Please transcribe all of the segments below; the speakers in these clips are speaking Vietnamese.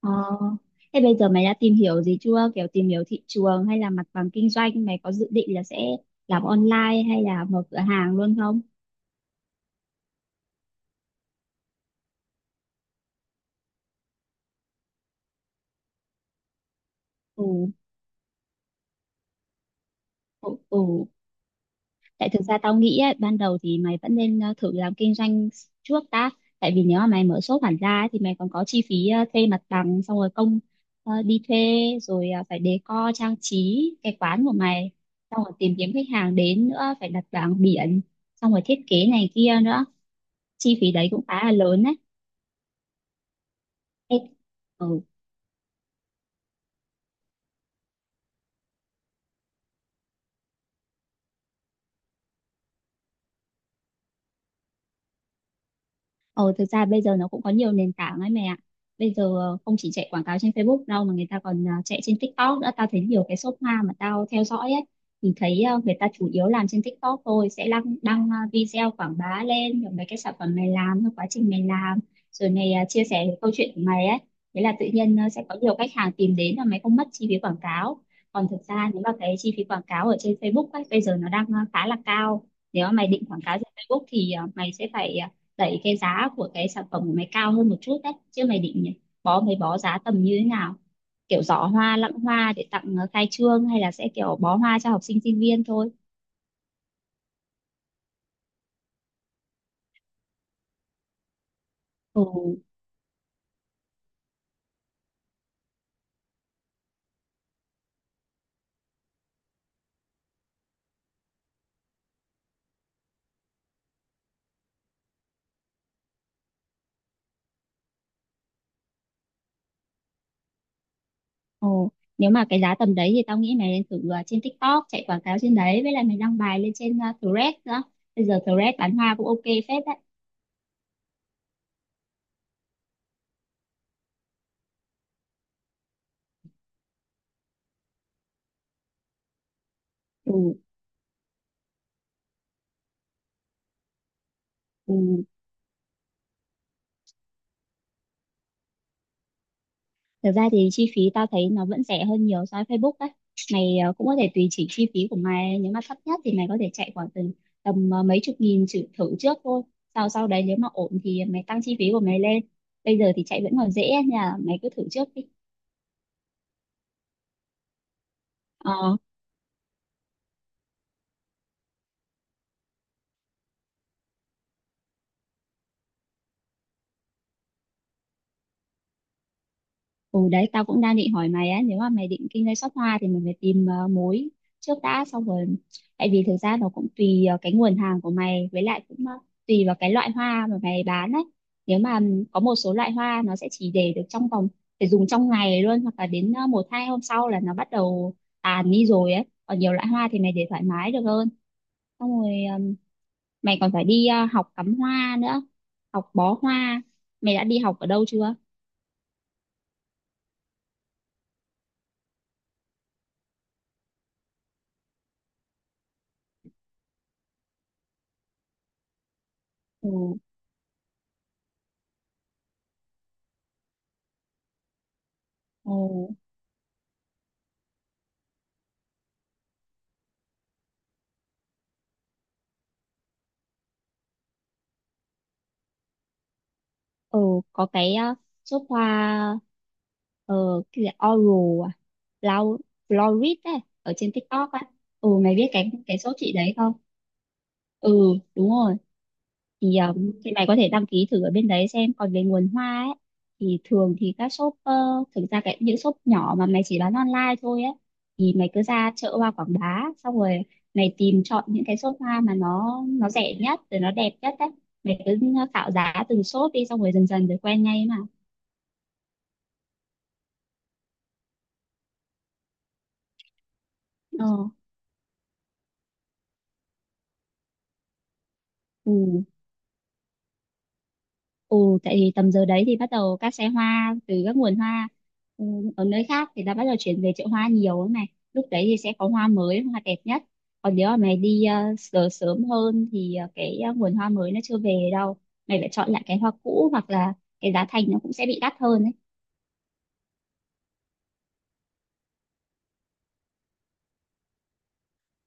Ờ, thế bây giờ mày đã tìm hiểu gì chưa? Kiểu tìm hiểu thị trường hay là mặt bằng kinh doanh, mày có dự định là sẽ làm online hay là mở cửa hàng luôn không? Ừ, ừ, ừ. Tại thực ra tao nghĩ ấy, ban đầu thì mày vẫn nên thử làm kinh doanh trước đã. Tại vì nếu mà mày mở shop hẳn ra ấy, thì mày còn có chi phí thuê mặt bằng, xong rồi công đi thuê, rồi phải decor trang trí cái quán của mày, xong rồi tìm kiếm khách hàng đến nữa, phải đặt bảng biển, xong rồi thiết kế này kia nữa. Chi phí đấy cũng khá là lớn đấy. Ê, ừ. Ờ, thực ra bây giờ nó cũng có nhiều nền tảng ấy mẹ ạ. Bây giờ không chỉ chạy quảng cáo trên Facebook đâu mà người ta còn chạy trên TikTok nữa. Tao thấy nhiều cái shop hoa mà tao theo dõi ấy thì thấy người ta chủ yếu làm trên TikTok thôi, sẽ đăng đăng à, video quảng bá lên rồi mấy cái sản phẩm mày làm, rồi quá trình mày làm, rồi mày chia sẻ cái câu chuyện của mày ấy. Thế là tự nhiên sẽ có nhiều khách hàng tìm đến và mày không mất chi phí quảng cáo. Còn thực ra nếu mà cái chi phí quảng cáo ở trên Facebook ấy bây giờ nó đang khá là cao. Nếu mà mày định quảng cáo trên Facebook thì mày sẽ phải đẩy cái giá của cái sản phẩm của mày cao hơn một chút đấy, chứ mày định bó mấy bó giá tầm như thế nào, kiểu giỏ hoa lẵng hoa để tặng khai trương, hay là sẽ kiểu bó hoa cho học sinh sinh viên thôi? Ồ, ồ, nếu mà cái giá tầm đấy thì tao nghĩ mày nên thử trên TikTok chạy quảng cáo trên đấy, với lại mày đăng bài lên trên Threads nữa. Bây giờ Threads bán hoa cũng ok phết đấy. Ừ, ừ. Thực ra thì chi phí tao thấy nó vẫn rẻ hơn nhiều so với Facebook đấy. Mày cũng có thể tùy chỉnh chi phí của mày, nếu mà thấp nhất thì mày có thể chạy khoảng tầm tầm ờ, mấy chục nghìn thử trước thôi. Sau sau đấy nếu mà ổn thì mày tăng chi phí của mày lên. Bây giờ thì chạy vẫn còn dễ nha, mày cứ thử trước đi. Ừ đấy, tao cũng đang định hỏi mày á, nếu mà mày định kinh doanh shop hoa thì mình phải tìm mối trước đã. Xong rồi, tại vì thực ra nó cũng tùy cái nguồn hàng của mày, với lại cũng tùy vào cái loại hoa mà mày bán ấy. Nếu mà có một số loại hoa nó sẽ chỉ để được trong vòng, phải dùng trong ngày luôn, hoặc là đến một hai hôm sau là nó bắt đầu tàn đi rồi ấy, còn nhiều loại hoa thì mày để thoải mái được hơn. Xong rồi ừm, mày còn phải đi học cắm hoa nữa, học bó hoa. Mày đã đi học ở đâu chưa? Ừ, ừ, ừ, có cái nước hoa, ờ cái gì Oral à, Flow- Florid ấy, ở trên TikTok á. Ừ, mày biết cái shop chị đấy không? Ừ, đúng rồi. Thì thì mày có thể đăng ký thử ở bên đấy xem. Còn về nguồn hoa ấy thì thường thì các shop thực ra cái những shop nhỏ mà mày chỉ bán online thôi ấy, thì mày cứ ra chợ hoa Quảng Bá, xong rồi mày tìm chọn những cái shop hoa mà nó rẻ nhất rồi nó đẹp nhất đấy. Mày cứ khảo giá từng shop đi, xong rồi dần dần rồi quen ngay mà. ờ ừ. Ừ, tại vì tầm giờ đấy thì bắt đầu các xe hoa từ các nguồn hoa, ừ, ở nơi khác thì đã bắt đầu chuyển về chợ hoa nhiều ấy này. Lúc đấy thì sẽ có hoa mới, hoa đẹp nhất. Còn nếu mà mày đi sớm sớm hơn thì cái nguồn hoa mới nó chưa về đâu. Mày phải chọn lại cái hoa cũ, hoặc là cái giá thành nó cũng sẽ bị đắt hơn ấy.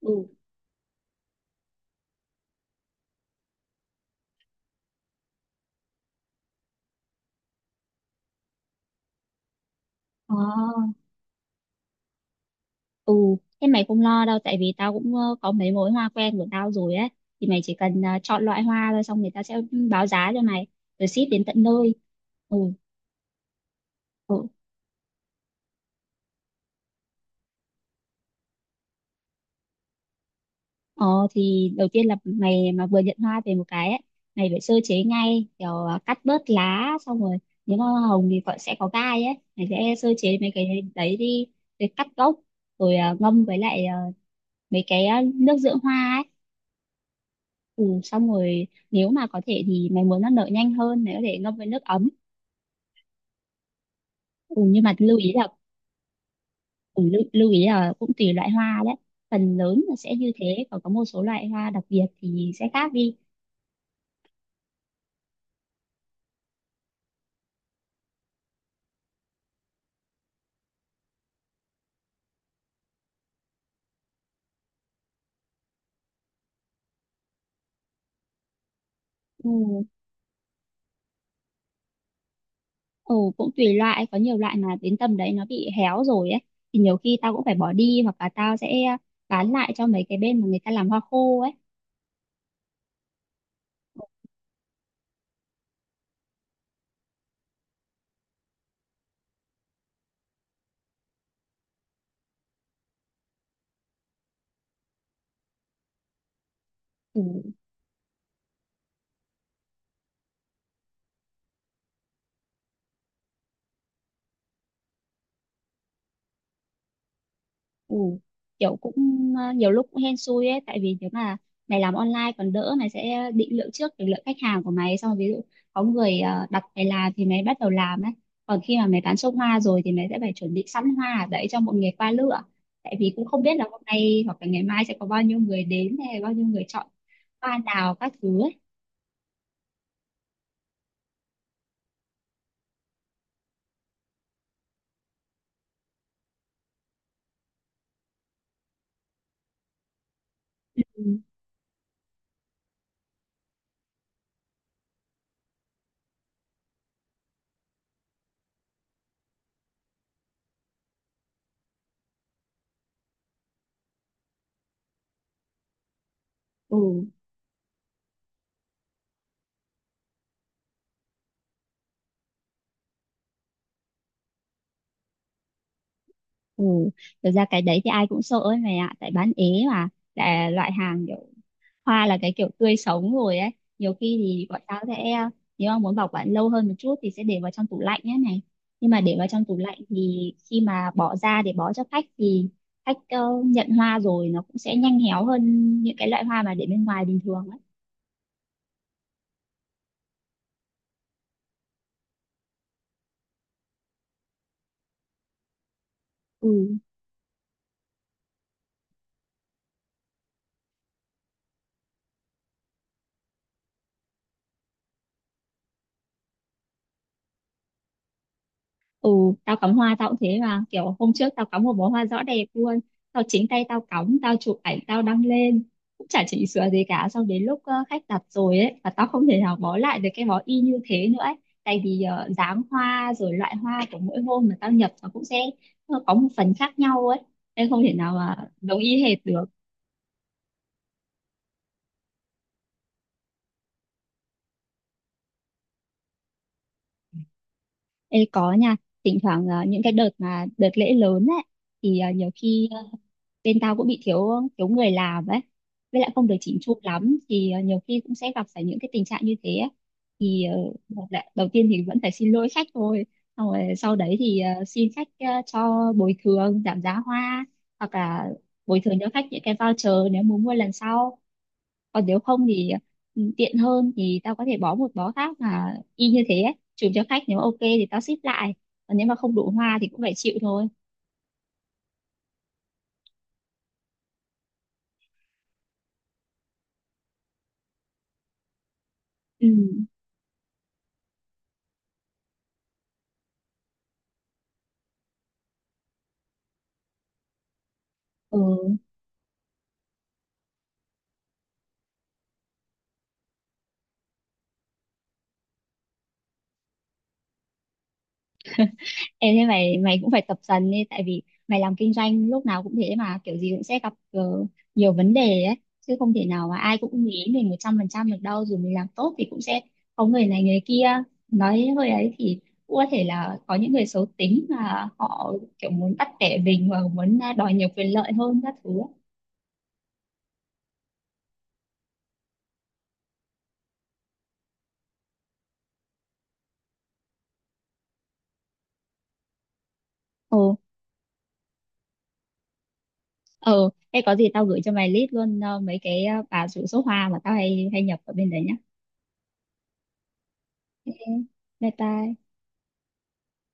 Ừ. Ờ, ừ, thế mày không lo đâu, tại vì tao cũng có mấy mối hoa quen của tao rồi ấy. Thì mày chỉ cần chọn loại hoa thôi, xong người ta sẽ báo giá cho mày, rồi ship đến tận nơi. Ừ. Ừ. Ờ thì đầu tiên là mày mà vừa nhận hoa về một cái ấy, mày phải sơ chế ngay kiểu cắt bớt lá, xong rồi nếu mà hoa hồng thì còn sẽ có gai ấy, mày sẽ sơ chế mấy cái đấy đi, rồi cắt gốc, rồi ngâm với lại mấy cái nước dưỡng hoa ấy. Ừ, xong rồi nếu mà có thể thì mày muốn nó nở nhanh hơn, mày có thể ngâm với nước ấm. Ừ, nhưng mà lưu ý là cũng tùy loại hoa đấy. Phần lớn là sẽ như thế, còn có một số loại hoa đặc biệt thì sẽ khác đi. Ừ. Ồ, cũng tùy loại, có nhiều loại mà đến tầm đấy nó bị héo rồi ấy. Thì nhiều khi tao cũng phải bỏ đi, hoặc là tao sẽ bán lại cho mấy cái bên mà người ta làm hoa khô ấy. Ừ, ừ. Kiểu cũng nhiều lúc cũng hên xui ấy, tại vì nếu mà mày làm online còn đỡ, mày sẽ định lượng trước được lượng khách hàng của mày. Xong rồi ví dụ có người đặt mày làm thì mày bắt đầu làm ấy. Còn khi mà mày bán xong hoa rồi thì mày sẽ phải chuẩn bị sẵn hoa ở đấy cho mọi người qua lựa. Tại vì cũng không biết là hôm nay hoặc là ngày mai sẽ có bao nhiêu người đến, hay bao nhiêu người chọn hoa nào các thứ ấy. Ừ, ừ, ừ. Thực ra cái đấy thì ai cũng sợ ấy mày ạ, tại bán ế mà, là loại hàng kiểu hoa, là cái kiểu tươi sống rồi ấy. Nhiều khi thì bọn tao sẽ, nếu mà muốn bảo quản lâu hơn một chút thì sẽ để vào trong tủ lạnh ấy này, nhưng mà để vào trong tủ lạnh thì khi mà bỏ ra để bó cho khách thì khách nhận hoa rồi nó cũng sẽ nhanh héo hơn những cái loại hoa mà để bên ngoài bình thường ấy. Ừ, ừ, tao cắm hoa tao cũng thế mà, kiểu hôm trước tao cắm một bó hoa rõ đẹp luôn, tao chính tay tao cắm, tao chụp ảnh tao đăng lên cũng chả chỉnh sửa gì cả, xong đến lúc khách đặt rồi ấy, và tao không thể nào bó lại được cái bó y như thế nữa ấy. Tại vì dáng hoa rồi loại hoa của mỗi hôm mà tao nhập nó cũng sẽ có một phần khác nhau ấy, nên không thể nào mà giống y hệt được. Ê, có nha, thỉnh thoảng những cái đợt mà đợt lễ lớn ấy, thì nhiều khi bên tao cũng bị thiếu thiếu người làm ấy, với lại không được chỉnh chu lắm, thì nhiều khi cũng sẽ gặp phải những cái tình trạng như thế ấy. Thì một là đầu tiên thì vẫn phải xin lỗi khách thôi, xong rồi sau đấy thì xin khách cho bồi thường giảm giá hoa, hoặc là bồi thường cho khách những cái voucher nếu muốn mua lần sau. Còn nếu không thì, tiện hơn thì tao có thể bó một bó khác mà y như thế ấy, chụp cho khách, nếu ok thì tao ship lại. Còn nếu mà không đủ hoa thì cũng phải chịu thôi. Ừ. Ừ. Em, thế mày mày cũng phải tập dần đi, tại vì mày làm kinh doanh lúc nào cũng thế mà, kiểu gì cũng sẽ gặp nhiều vấn đề ấy, chứ không thể nào mà ai cũng nghĩ mình 100% được đâu. Dù mình làm tốt thì cũng sẽ có người này người kia nói hơi ấy, thì cũng có thể là có những người xấu tính mà họ kiểu muốn bắt bẻ mình, và muốn đòi nhiều quyền lợi hơn các thứ ấy. Ồ, ờ, thế có gì tao gửi cho mày list luôn, mấy cái bà rủ số hoa mà tao hay hay nhập ở bên đấy nhá. Ok, bye bye.